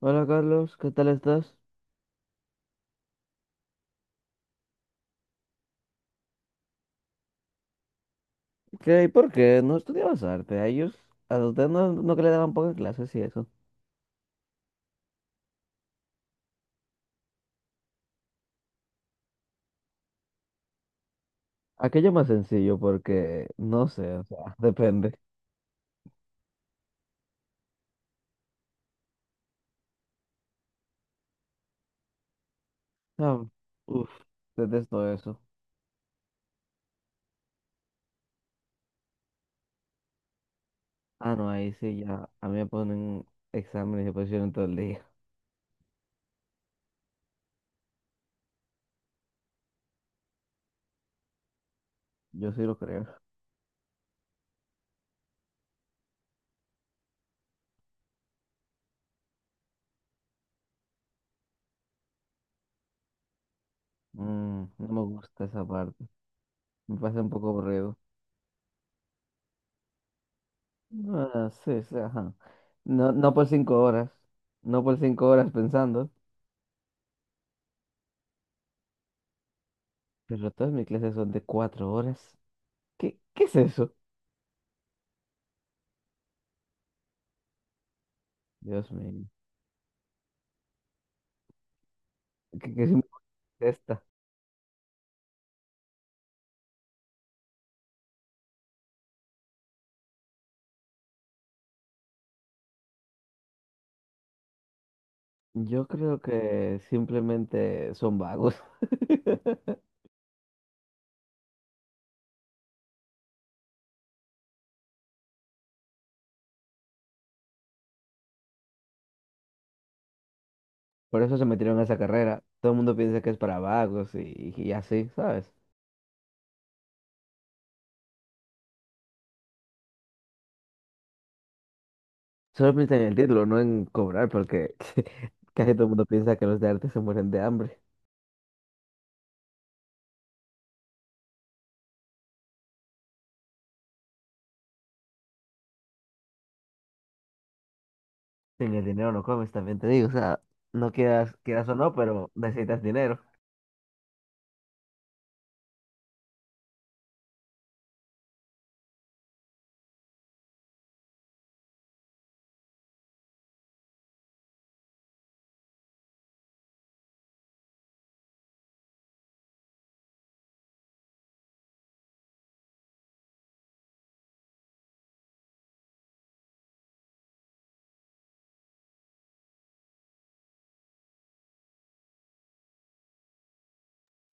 Hola Carlos, ¿qué tal estás? ¿Qué y por qué no estudiabas arte? A ellos, a ustedes no que le daban pocas clases y eso. Aquello más sencillo porque, no sé, o sea, depende. Ah, uf, detesto eso. Ah, no, ahí sí ya, a mí me ponen exámenes y posiciones todo el día. Yo sí lo creo. Mm, no me gusta esa parte, me pasa un poco aburrido. Ah, sí, sí, ajá. No, no por 5 horas, no por cinco horas pensando, pero todas mis clases son de 4 horas. ¿Qué, qué es eso? Dios mío. ¿Qué, qué sí me contesta? Yo creo que simplemente son vagos. Por eso se metieron a esa carrera. Todo el mundo piensa que es para vagos y así, ¿sabes? Solo piensan en el título, no en cobrar, porque casi todo el mundo piensa que los de arte se mueren de hambre. Sin el dinero no comes, también te digo. O sea, no quieras, quieras o no, pero necesitas dinero.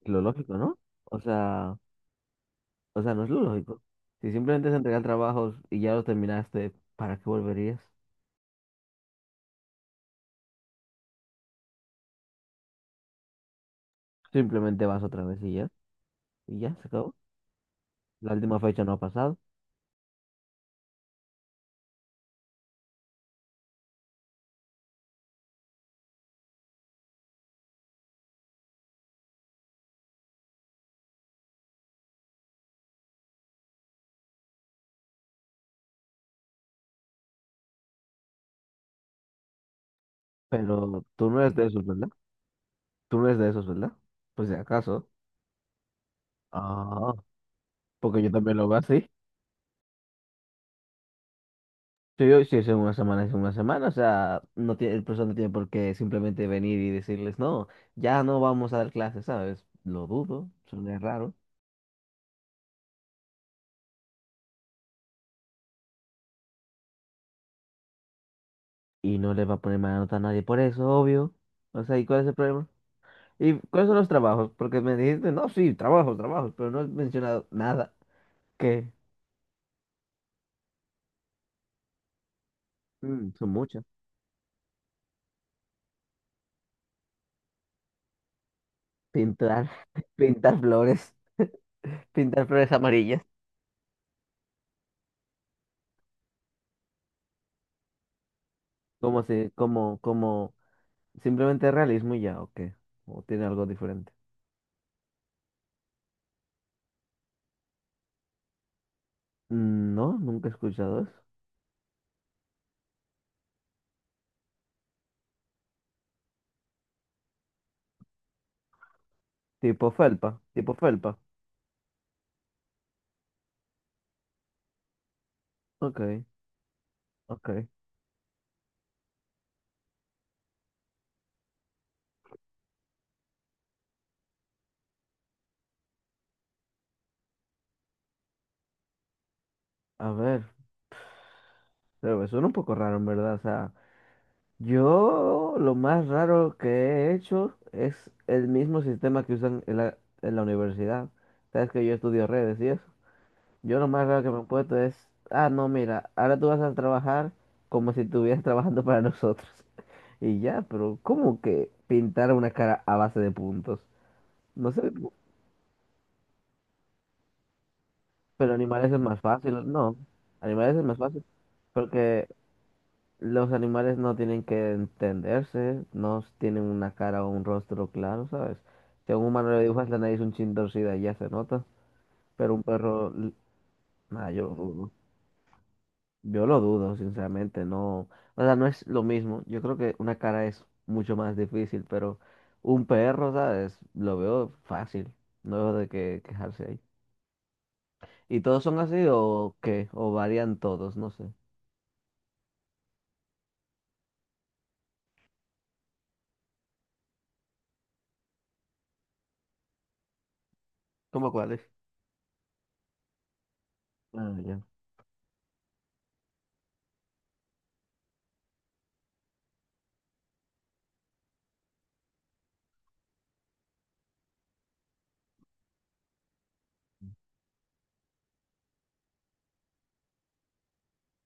Lo lógico, ¿no? O sea, no es lo lógico. Si simplemente se entregan trabajos y ya los terminaste, ¿para qué volverías? Simplemente vas otra vez y ya. Y ya, se acabó. La última fecha no ha pasado. Pero tú no eres de esos, ¿verdad? Tú no eres de esos, ¿verdad? Pues si acaso. Ah, porque yo también lo veo así. Sí, yo- si es en una semana, es en una semana. O sea, no tiene, el profesor no tiene por qué simplemente venir y decirles, no, ya no vamos a dar clases, ¿sabes? Lo dudo, suena raro. Y no le va a poner mala nota a nadie por eso, obvio. O sea, ¿y cuál es el problema? ¿Y cuáles son los trabajos? Porque me dijiste, no, sí, trabajos, trabajos, pero no has mencionado nada. ¿Qué? Mm, son muchas. Pintar, pintar flores, pintar flores amarillas. ¿Cómo se, como, como, simplemente realismo y ya, o qué? ¿O tiene algo diferente? Mm, no, nunca he escuchado eso. Tipo felpa, tipo felpa. Ok, ok. A ver, pero me suena un poco raro, en verdad. O sea, yo lo más raro que he hecho es el mismo sistema que usan en la universidad. Sabes que yo estudio redes y eso. Yo lo más raro que me he puesto es, ah, no, mira, ahora tú vas a trabajar como si estuvieras trabajando para nosotros. Y ya, pero ¿cómo que pintar una cara a base de puntos? No sé, pero animales es más fácil, no, animales es más fácil, porque los animales no tienen que entenderse, no tienen una cara o un rostro claro, ¿sabes? Si a un humano le dibujas la nariz un chin torcida y ya se nota, pero un perro, l- nada, yo lo dudo. Yo lo dudo, sinceramente, no, o sea, no es lo mismo. Yo creo que una cara es mucho más difícil, pero un perro, ¿sabes? Lo veo fácil, no veo de qué quejarse ahí. ¿Y todos son así o qué? ¿O varían todos? No sé. ¿Cómo cuáles? Ah, ya.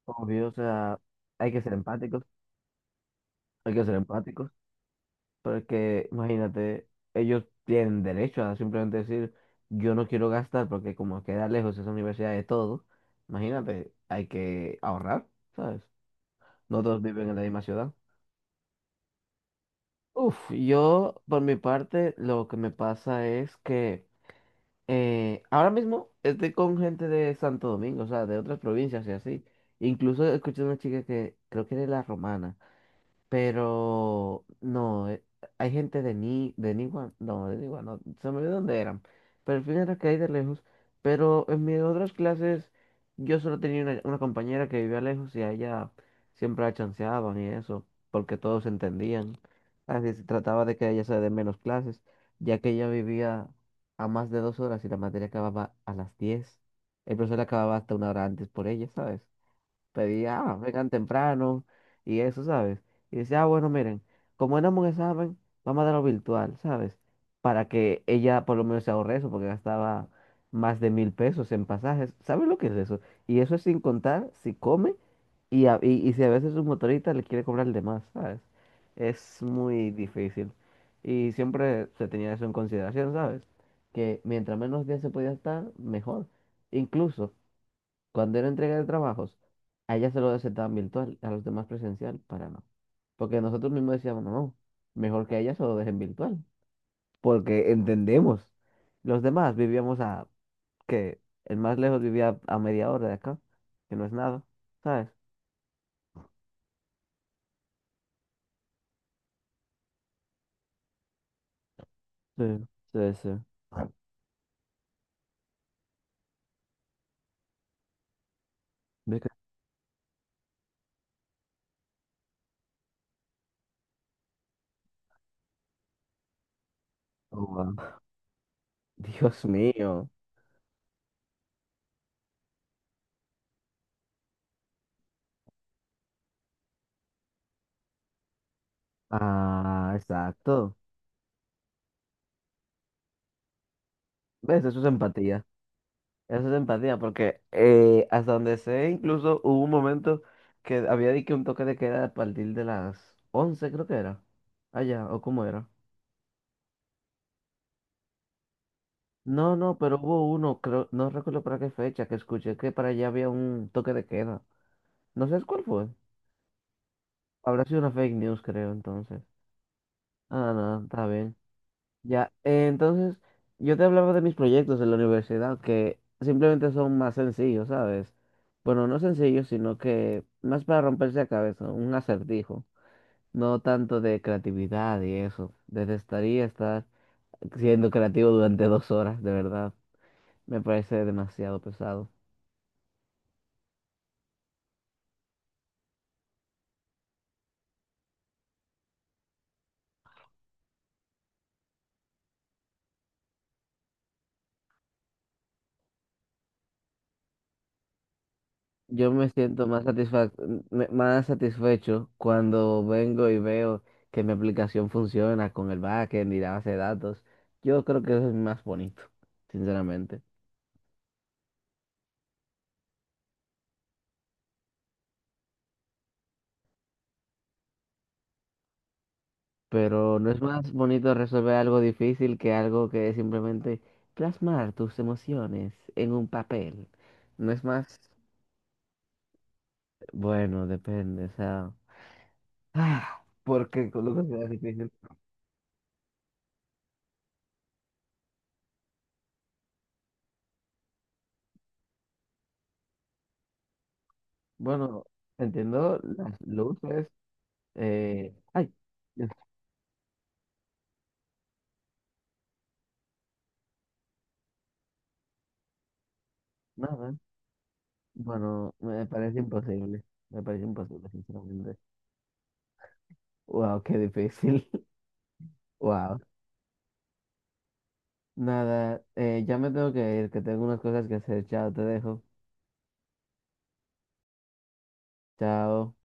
Obvio, o sea, hay que ser empáticos, hay que ser empáticos, pero es que, imagínate, ellos tienen derecho a simplemente decir, yo no quiero gastar porque como queda lejos esa universidad de todo, imagínate, hay que ahorrar, ¿sabes? No todos viven en la misma ciudad. Uf, yo por mi parte lo que me pasa es que ahora mismo estoy con gente de Santo Domingo, o sea, de otras provincias y así. Incluso escuché una chica que creo que era de la Romana. Pero no, hay gente de Ni, de Niwa, no, se me olvidó dónde eran. Pero al final era que hay de lejos. Pero en mis otras clases, yo solo tenía una compañera que vivía lejos y a ella siempre la chanceaban y eso, porque todos se entendían. Así se trataba de que a ella se dé menos clases, ya que ella vivía a más de 2 horas y la materia acababa a las 10. El profesor acababa hasta una hora antes por ella, ¿sabes? Pedía, ah, vengan temprano y eso, ¿sabes? Y decía, ah, bueno, miren, como éramos un examen, vamos a darlo virtual, ¿sabes? Para que ella por lo menos se ahorre eso, porque gastaba más de 1000 pesos en pasajes. ¿Sabes lo que es eso? Y eso es sin contar si come y, a- y si a veces su motorista le quiere cobrar de más, ¿sabes? Es muy difícil. Y siempre se tenía eso en consideración, ¿sabes? Que mientras menos días se podía estar, mejor. Incluso, cuando era entrega de trabajos, a ella se lo aceptaban virtual, a los demás presencial, para no. Porque nosotros mismos decíamos, no, no, mejor que a ella se lo dejen virtual. Porque entendemos. Los demás vivíamos a, que el más lejos vivía a media hora de acá, que no es nada, ¿sabes? Sí, sí, sí. Ve que- oh, wow. Dios mío. Ah, exacto. ¿Ves? Eso es empatía. Eso es empatía, porque hasta donde sé, incluso hubo un momento que había dicho un toque de queda a partir de las 11 creo que era. Allá, o cómo era. No, no, pero hubo uno, creo, no recuerdo para qué fecha, que escuché que para allá había un toque de queda. No sé cuál fue. Habrá sido una fake news, creo, entonces. Ah, no, está bien. Ya, entonces yo te hablaba de mis proyectos en la universidad que simplemente son más sencillos, ¿sabes? Bueno, no sencillos, sino que más para romperse la cabeza, un acertijo, no tanto de creatividad y eso. Detestaría estar siendo creativo durante 2 horas, de verdad. Me parece demasiado pesado. Yo me siento más satisfa- me- más satisfecho cuando vengo y veo que mi aplicación funciona con el backend y la base de datos. Yo creo que eso es más bonito, sinceramente. Pero no es más bonito resolver algo difícil que algo que es simplemente plasmar tus emociones en un papel. No es más, bueno, depende, o sea, ah, porque con lo que sea difícil. Bueno, entiendo las luces, ay, Dios, nada. Bueno, me parece imposible. Me parece imposible, sinceramente. Wow, qué difícil. Wow. Nada, ya me tengo que ir, que tengo unas cosas que hacer. Chao, te dejo. Chao.